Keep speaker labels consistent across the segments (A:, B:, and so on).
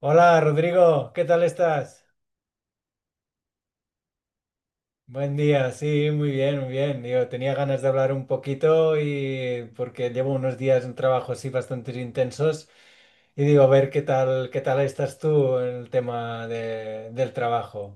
A: Hola Rodrigo, ¿qué tal estás? Buen día, sí, muy bien, muy bien. Yo tenía ganas de hablar un poquito y porque llevo unos días en trabajo así bastante intensos y digo, a ver qué tal estás tú en el tema del trabajo.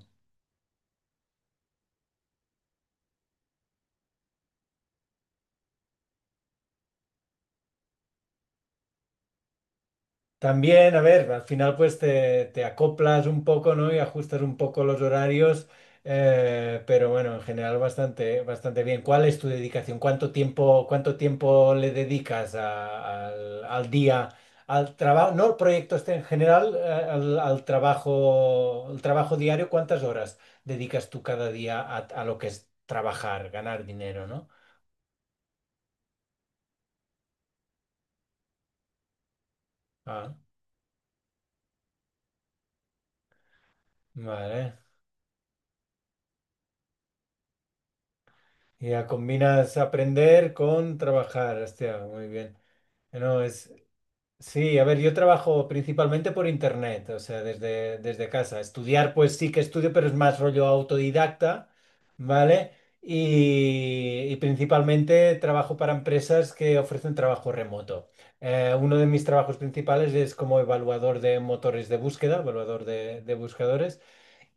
A: También, a ver, al final pues te acoplas un poco, ¿no? Y ajustas un poco los horarios, pero bueno, en general bastante, bastante bien. ¿Cuál es tu dedicación? ¿Cuánto tiempo le dedicas al día, al trabajo, no el proyecto este en general, al trabajo, el trabajo diario? ¿Cuántas horas dedicas tú cada día a lo que es trabajar, ganar dinero, ¿no? Ah, vale. Y ya combinas aprender con trabajar. Hostia, muy bien. No, es, sí, a ver, yo trabajo principalmente por internet, o sea, desde casa. Estudiar, pues sí que estudio, pero es más rollo autodidacta, ¿vale? Y principalmente trabajo para empresas que ofrecen trabajo remoto. Uno de mis trabajos principales es como evaluador de motores de búsqueda, evaluador de buscadores.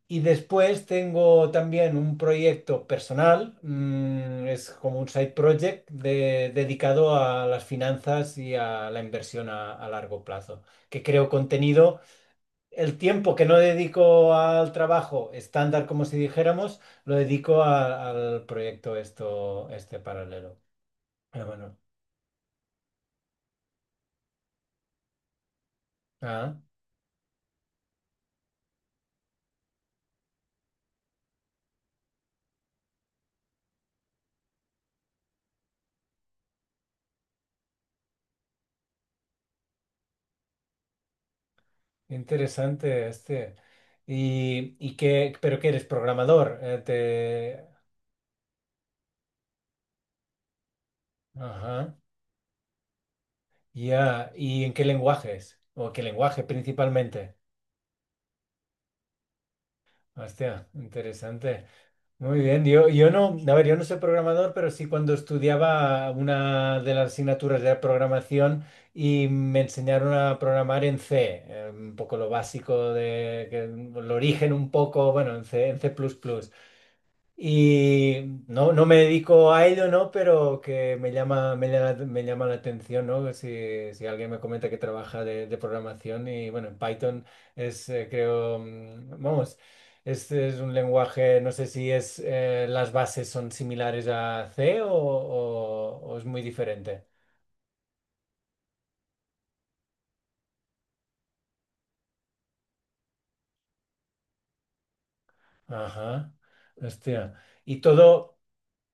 A: Y después tengo también un proyecto personal, es como un side project dedicado a las finanzas y a la inversión a largo plazo, que creo contenido. El tiempo que no dedico al trabajo estándar, como si dijéramos, lo dedico al proyecto esto, este paralelo. Ah, bueno, ah, interesante este. Y qué, pero que eres programador, te... Ajá. Ya, ¿y en qué lenguajes? ¿O qué lenguaje principalmente? Hostia, interesante. Muy bien, yo no, a ver, yo no soy programador, pero sí cuando estudiaba una de las asignaturas de programación y me enseñaron a programar en C, un poco lo básico de, el origen un poco, bueno, en C, en C++. Y no, no me dedico a ello, ¿no? Pero que me llama, me llama, me llama la atención, ¿no? Si alguien me comenta que trabaja de programación y bueno, en Python es, creo, vamos, es un lenguaje, no sé si es, las bases son similares a C o es muy diferente. Ajá, hostia. Y todo,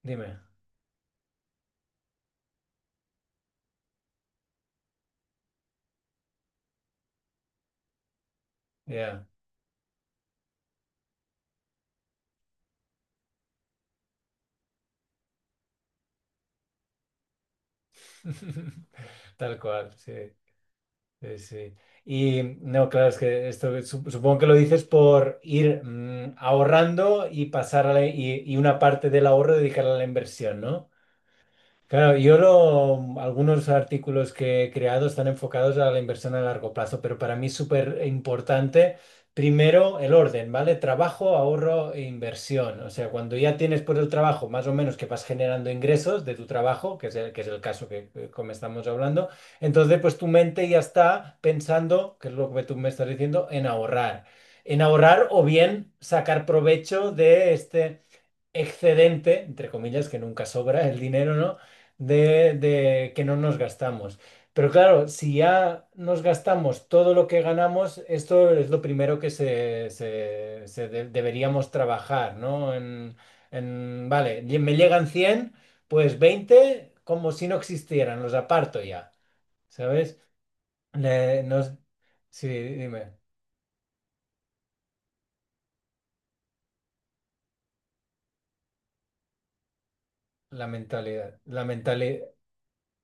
A: dime, ya. Tal cual, sí. Sí, sí. Y no, claro, es que esto supongo que lo dices por ir ahorrando y pasar y una parte del ahorro dedicarla a la inversión, ¿no? Claro, algunos artículos que he creado están enfocados a la inversión a largo plazo, pero para mí es súper importante, primero, el orden, ¿vale? Trabajo, ahorro e inversión. O sea, cuando ya tienes por el trabajo más o menos que vas generando ingresos de tu trabajo, que es el caso como estamos hablando, entonces pues tu mente ya está pensando, que es lo que tú me estás diciendo, en ahorrar. En ahorrar o bien sacar provecho de este excedente, entre comillas, que nunca sobra el dinero, ¿no? De que no nos gastamos. Pero claro, si ya nos gastamos todo lo que ganamos, esto es lo primero que deberíamos trabajar, ¿no? Vale, me llegan cien, pues 20 como si no existieran, los aparto ya, ¿sabes? Le- nos- sí, dime, la mentalidad, la mentalidad.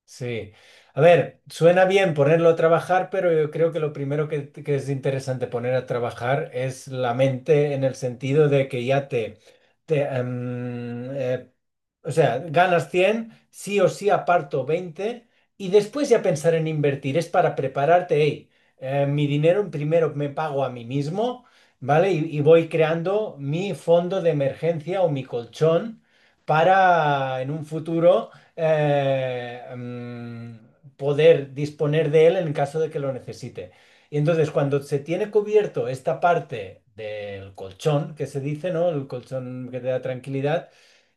A: Sí. A ver, suena bien ponerlo a trabajar, pero yo creo que lo primero que es interesante poner a trabajar es la mente en el sentido de que ya te, em, eh, o sea, ganas 100 sí o sí aparto 20 y después ya pensar en invertir. Es para prepararte, hey, mi dinero primero me pago a mí mismo, ¿vale? Y voy creando mi fondo de emergencia o mi colchón para en un futuro poder disponer de él en caso de que lo necesite. Y entonces, cuando se tiene cubierto esta parte del colchón, que se dice, ¿no? El colchón que te da tranquilidad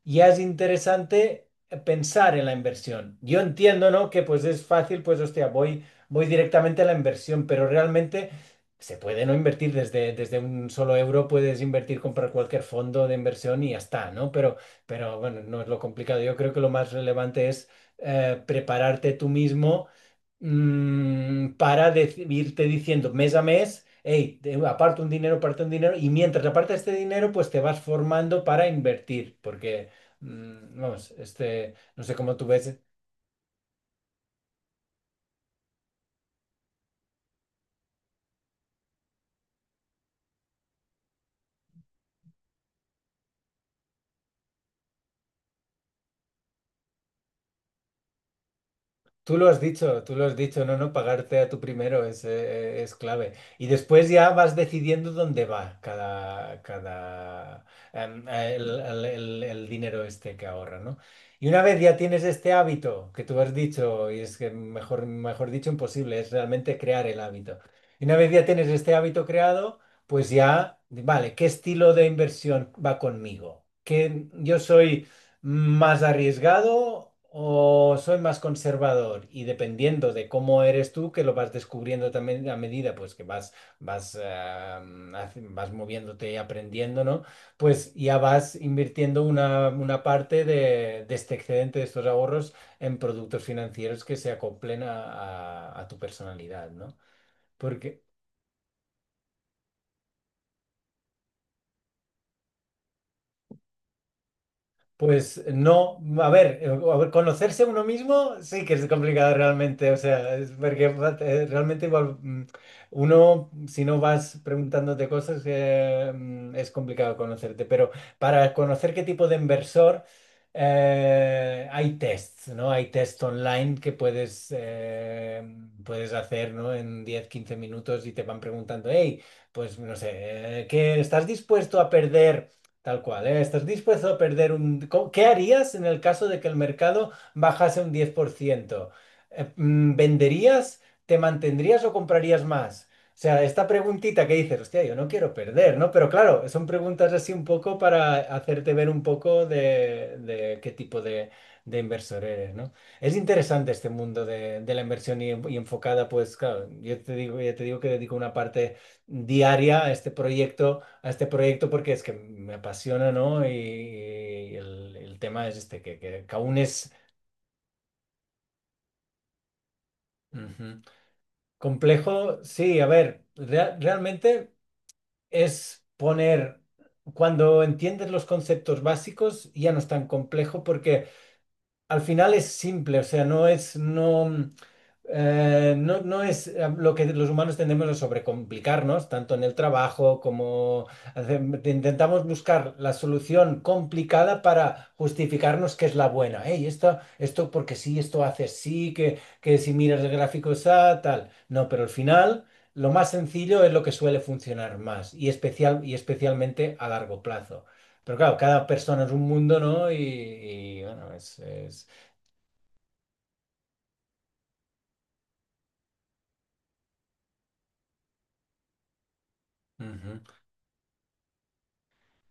A: ya es interesante pensar en la inversión. Yo entiendo, ¿no? Que pues es fácil, pues hostia, voy directamente a la inversión, pero realmente se puede no invertir desde un solo euro, puedes invertir, comprar cualquier fondo de inversión y ya está, ¿no? Pero bueno, no es lo complicado. Yo creo que lo más relevante es prepararte tú mismo para irte diciendo mes a mes, hey, aparte un dinero, y mientras apartas este dinero, pues te vas formando para invertir, porque vamos, este, no sé cómo tú ves. Tú lo has dicho, tú lo has dicho, no, no, pagarte a tu primero es clave. Y después ya vas decidiendo dónde va cada, cada, em, el dinero este que ahorra, ¿no? Y una vez ya tienes este hábito que tú has dicho, y es que mejor, mejor dicho, imposible, es realmente crear el hábito. Y una vez ya tienes este hábito creado, pues ya, vale, ¿qué estilo de inversión va conmigo? Que yo soy. ¿Más arriesgado o soy más conservador? Y dependiendo de cómo eres tú, que lo vas descubriendo también a medida pues que vas moviéndote y aprendiendo, ¿no? Pues ya vas invirtiendo una parte de este excedente, de estos ahorros, en productos financieros que se acoplen a tu personalidad, ¿no? Pues no, a ver, conocerse a uno mismo sí que es complicado realmente, o sea, es porque realmente igual uno, si no vas preguntándote cosas, es complicado conocerte, pero para conocer qué tipo de inversor hay tests, ¿no? Hay tests online que puedes hacer, ¿no? En 10 15 minutos y te van preguntando, hey, pues no sé, ¿qué estás dispuesto a perder? Tal cual, ¿eh? ¿Estás dispuesto a perder? ¿Qué harías en el caso de que el mercado bajase un 10%? ¿Venderías, te mantendrías o comprarías más? O sea, esta preguntita que dices, hostia, yo no quiero perder, ¿no? Pero claro, son preguntas así un poco para hacerte ver un poco de qué tipo de inversor eres, ¿no? Es interesante este mundo de la inversión y enfocada, pues claro, yo te digo, ya te digo que dedico una parte diaria a este proyecto porque es que me apasiona, ¿no? Y el tema es este, que aún es. Ujú. Complejo. Sí, a ver, realmente es poner, cuando entiendes los conceptos básicos, ya no es tan complejo porque al final es simple, o sea, no es, no, no, no es lo que los humanos tendemos a sobrecomplicarnos, tanto en el trabajo como intentamos buscar la solución complicada para justificarnos que es la buena. Hey, esto porque sí, esto hace sí, que si miras el gráfico está tal. No, pero al final lo más sencillo es lo que suele funcionar más y especialmente a largo plazo. Pero claro, cada persona es un mundo, ¿no? Y bueno. Ujú.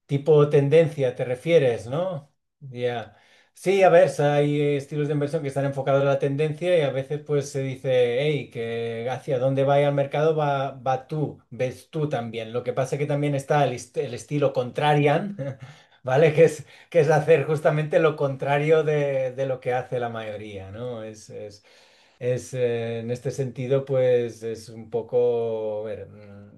A: Tipo tendencia, te refieres, ¿no? Ya. Sí, a ver, hay estilos de inversión que están enfocados a la tendencia y a veces pues se dice, hey, que hacia dónde vaya el mercado va tú, ves tú también. Lo que pasa que también está el estilo contrarian, ¿vale? que es, hacer justamente lo contrario de lo que hace la mayoría, ¿no? En este sentido, pues es un poco... a ver,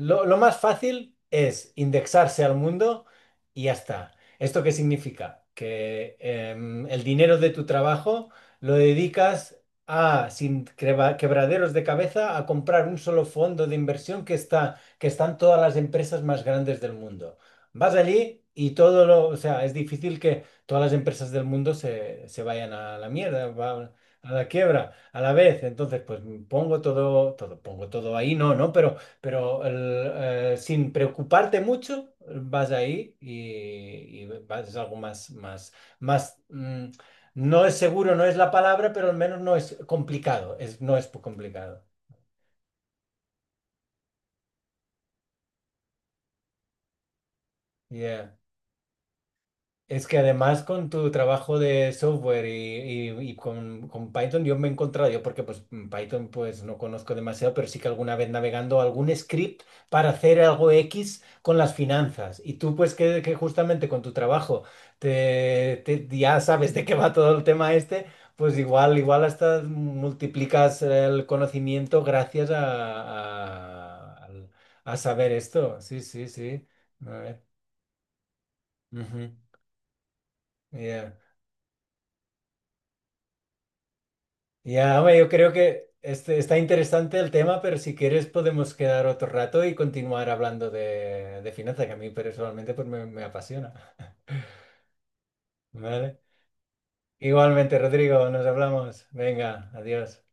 A: lo más fácil es indexarse al mundo y ya está. ¿Esto qué significa? Que el dinero de tu trabajo lo dedicas, a, sin creba- quebraderos de cabeza, a comprar un solo fondo de inversión que están todas las empresas más grandes del mundo. Vas allí y todo lo... O sea, es difícil que todas las empresas del mundo se vayan a la mierda. A la quiebra, a la vez. Entonces, pues pongo todo, todo, pongo todo ahí, no, no, pero sin preocuparte mucho, vas ahí y vas, es algo más, más, más, no es seguro, no es la palabra, pero al menos no es complicado, no es complicado. Yeah. Es que además con tu trabajo de software y con Python yo me he encontrado, yo porque pues Python pues no conozco demasiado, pero sí que alguna vez navegando algún script para hacer algo X con las finanzas. Y tú pues que justamente con tu trabajo ya sabes de qué va todo el tema este, pues igual, igual hasta multiplicas el conocimiento gracias a, al- a saber esto. Sí, sí, sí. A ver. Ujú. Yeah. Ya, hombre, yo creo que este, está interesante el tema, pero si quieres podemos quedar otro rato y continuar hablando de finanzas, que a mí personalmente pues me apasiona. ¿Vale? Igualmente, Rodrigo, nos hablamos. Venga, adiós.